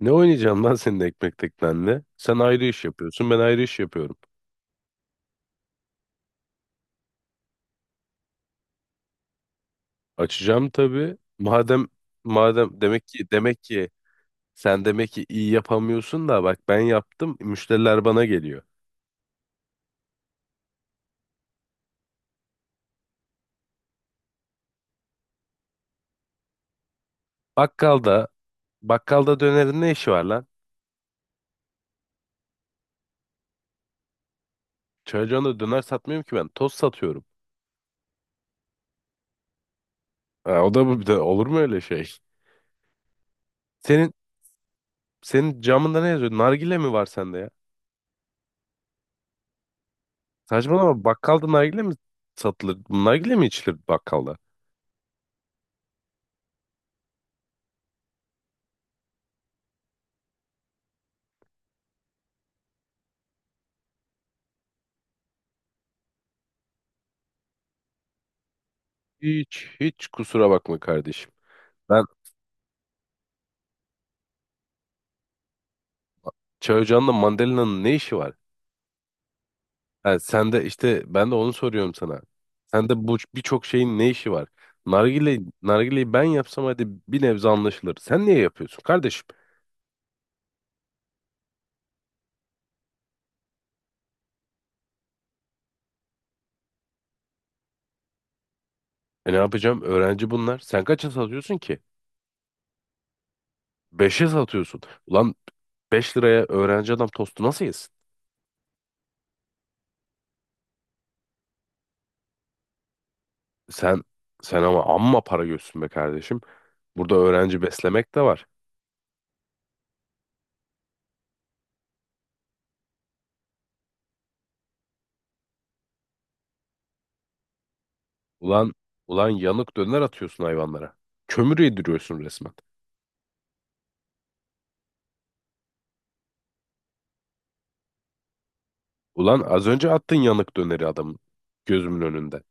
Ne oynayacağım lan senin ekmek teknenle? Sen ayrı iş yapıyorsun, ben ayrı iş yapıyorum. Açacağım tabii. Madem demek ki sen demek ki iyi yapamıyorsun da bak ben yaptım, müşteriler bana geliyor. Bakkalda bakkalda dönerin ne işi var lan? Çocuğuna da döner satmıyorum ki ben, toz satıyorum. Ha, o da olur mu öyle şey? Senin senin camında ne yazıyor? Nargile mi var sende ya? Saçmalama, bakkalda nargile mi satılır? Nargile mi içilir bakkalda? Hiç kusura bakma kardeşim. Ben çay ocağında mandalinanın ne işi var? Ha, sen de işte, ben de onu soruyorum sana. Sen de bu birçok şeyin ne işi var? Nargile, nargileyi ben yapsam hadi bir nebze anlaşılır. Sen niye yapıyorsun kardeşim? E ne yapacağım? Öğrenci bunlar. Sen kaça satıyorsun ki? Beşe satıyorsun. Ulan 5 liraya öğrenci adam tostu nasıl yesin? Sen sen ama amma para görsün be kardeşim. Burada öğrenci beslemek de var. Ulan ulan yanık döner atıyorsun hayvanlara. Kömür yediriyorsun resmen. Ulan az önce attın yanık döneri adamın gözümün önünde.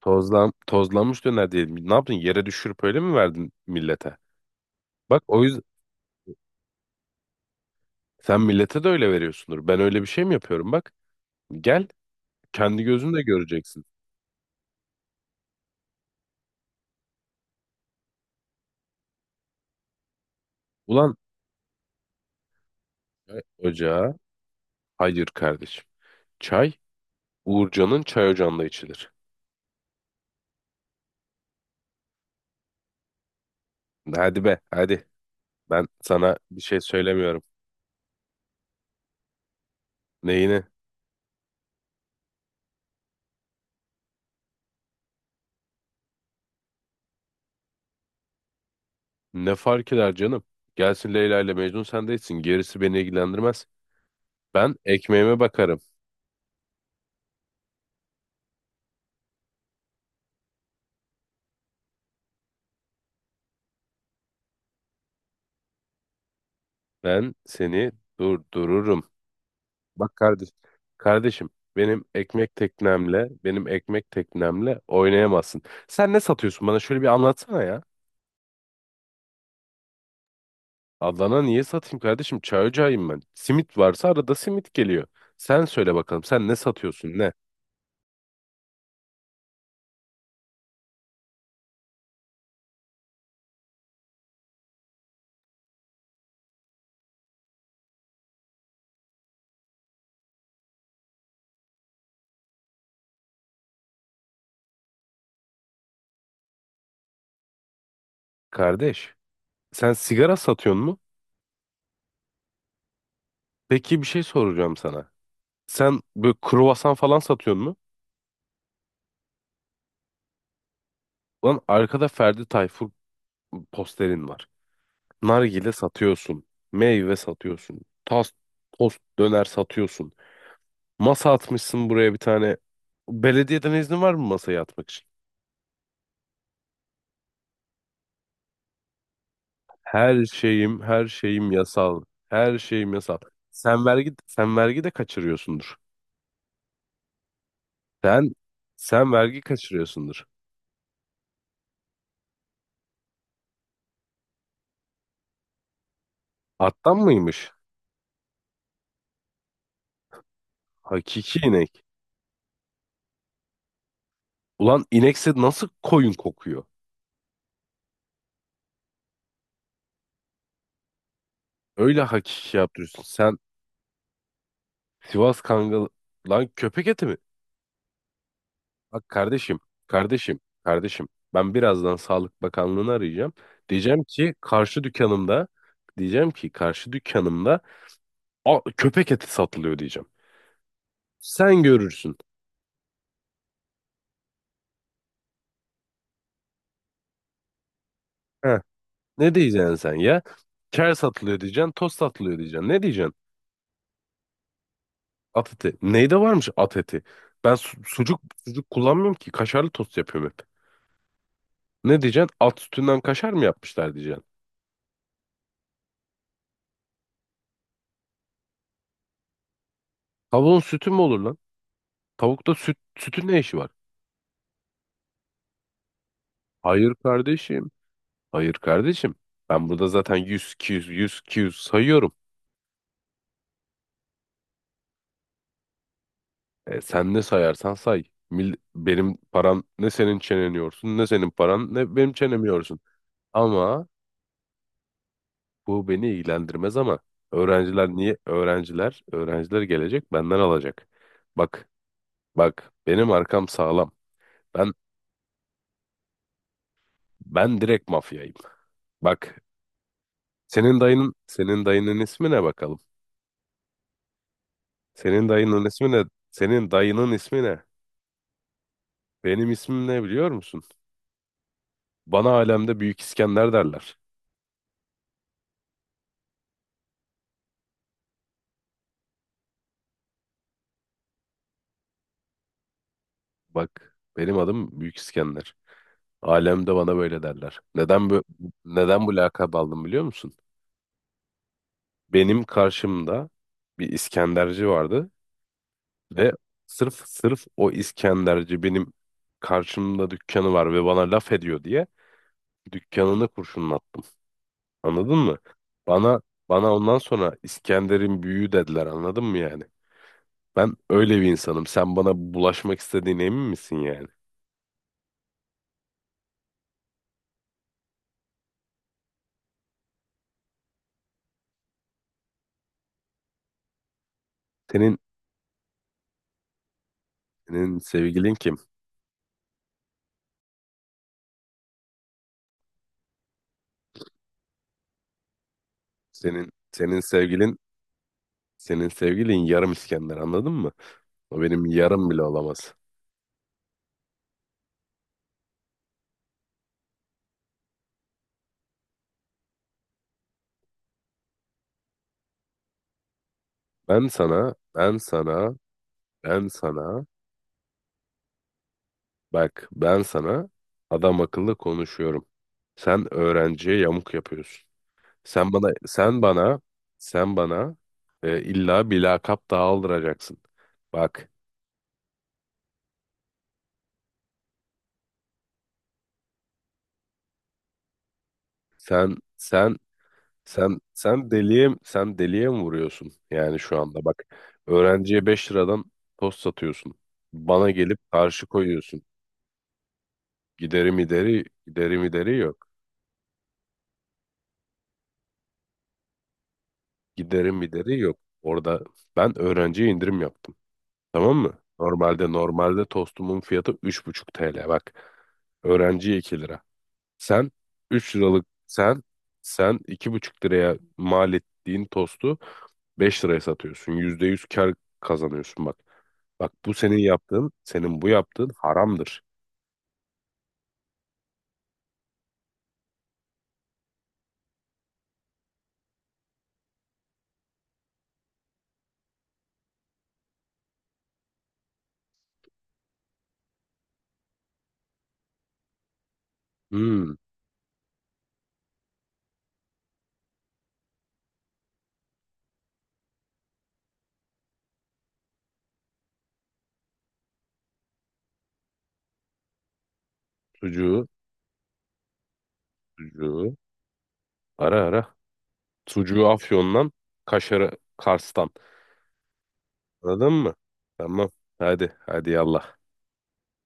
Tozlanmış döner diyelim. Ne yaptın? Yere düşürüp öyle mi verdin millete? Bak o yüzden sen millete de öyle veriyorsundur. Ben öyle bir şey mi yapıyorum bak. Gel, kendi gözünle göreceksin. Ulan, çay ocağı hayır kardeşim. Çay Uğurcan'ın çay ocağında içilir. Hadi be hadi. Ben sana bir şey söylemiyorum. Neyini? Ne fark eder canım? Gelsin Leyla ile Mecnun, sen de içsin. Gerisi beni ilgilendirmez. Ben ekmeğime bakarım. Ben seni durdururum. Bak kardeşim, benim ekmek teknemle, benim ekmek teknemle oynayamazsın. Sen ne satıyorsun bana, şöyle bir anlatsana ya. Adana niye satayım kardeşim? Çay ocağıyım ben. Simit varsa arada simit geliyor. Sen söyle bakalım, sen ne satıyorsun ne? Kardeş, sen sigara satıyorsun mu? Peki bir şey soracağım sana. Sen böyle kruvasan falan satıyorsun mu? Lan arkada Ferdi Tayfur posterin var. Nargile satıyorsun. Meyve satıyorsun. Tas, tost, döner satıyorsun. Masa atmışsın buraya bir tane. Belediyeden iznin var mı masaya atmak için? Her şeyim yasal. Her şeyim yasal. Sen vergi de kaçırıyorsundur. Sen, sen vergi kaçırıyorsundur. Attan mıymış? Hakiki inek. Ulan inekse nasıl koyun kokuyor? Öyle hakiki yaptırıyorsun. Sen Sivas Kangal... Lan köpek eti mi? Bak kardeşim. Ben birazdan Sağlık Bakanlığı'nı arayacağım. Diyeceğim ki karşı dükkanımda, diyeceğim ki karşı dükkanımda, "Aa, köpek eti satılıyor," diyeceğim. Sen görürsün. Heh. Ne diyeceksin sen ya? Ker satılıyor diyeceksin, tost satılıyor diyeceksin. Ne diyeceksin? At eti. Neyde varmış at eti? Ben sucuk kullanmıyorum ki. Kaşarlı tost yapıyorum hep. Ne diyeceksin? At sütünden kaşar mı yapmışlar diyeceksin. Tavuğun sütü mü olur lan? Tavukta süt, sütün ne işi var? Hayır kardeşim. Hayır kardeşim. Ben burada zaten 100, 200, 100, yüz sayıyorum. E, sen ne sayarsan say. Benim param ne senin çenen yorsun, ne senin paran ne benim çenemi yorsun. Ama bu beni ilgilendirmez ama öğrenciler niye? Öğrenciler gelecek, benden alacak. Bak, bak benim arkam sağlam. Ben ben direkt mafyayım. Bak senin dayının ismi ne bakalım? Senin dayının ismi ne? Senin dayının ismi ne? Benim ismim ne biliyor musun? Bana alemde Büyük İskender derler. Bak benim adım Büyük İskender. Alemde bana böyle derler. Neden bu lakabı aldım biliyor musun? Benim karşımda bir İskenderci vardı ve sırf o İskenderci benim karşımda dükkanı var ve bana laf ediyor diye dükkanını kurşunlattım. Anladın mı? Bana bana ondan sonra İskender'in büyüğü dediler, anladın mı yani? Ben öyle bir insanım. Sen bana bulaşmak istediğine emin misin yani? Senin Senin sevgilin kim? Senin senin sevgilin senin sevgilin yarım İskender, anladın mı? O benim yarım bile olamaz. Ben sana, ben sana, ben sana, bak ben sana adam akıllı konuşuyorum. Sen öğrenciye yamuk yapıyorsun. Sen bana, sen bana, sen bana illa bir lakap daha aldıracaksın. Bak sen, sen sen deliye mi vuruyorsun? Yani şu anda bak, öğrenciye 5 liradan tost satıyorsun. Bana gelip karşı koyuyorsun. Giderim ideri yok. Giderim ideri yok. Orada ben öğrenciye indirim yaptım. Tamam mı? Normalde tostumun fiyatı 3,5 TL bak. Öğrenciye 2 lira. Sen 3 liralık sen sen 2,5 liraya mal ettiğin tostu 5 liraya satıyorsun. %100 kar kazanıyorsun bak. Bak bu senin yaptığın, senin bu yaptığın haramdır. Hmm, sucuğu, sucuğu ara ara. Sucuğu Afyon'dan, kaşarı Kars'tan. Anladın mı? Tamam. Hadi, hadi yallah.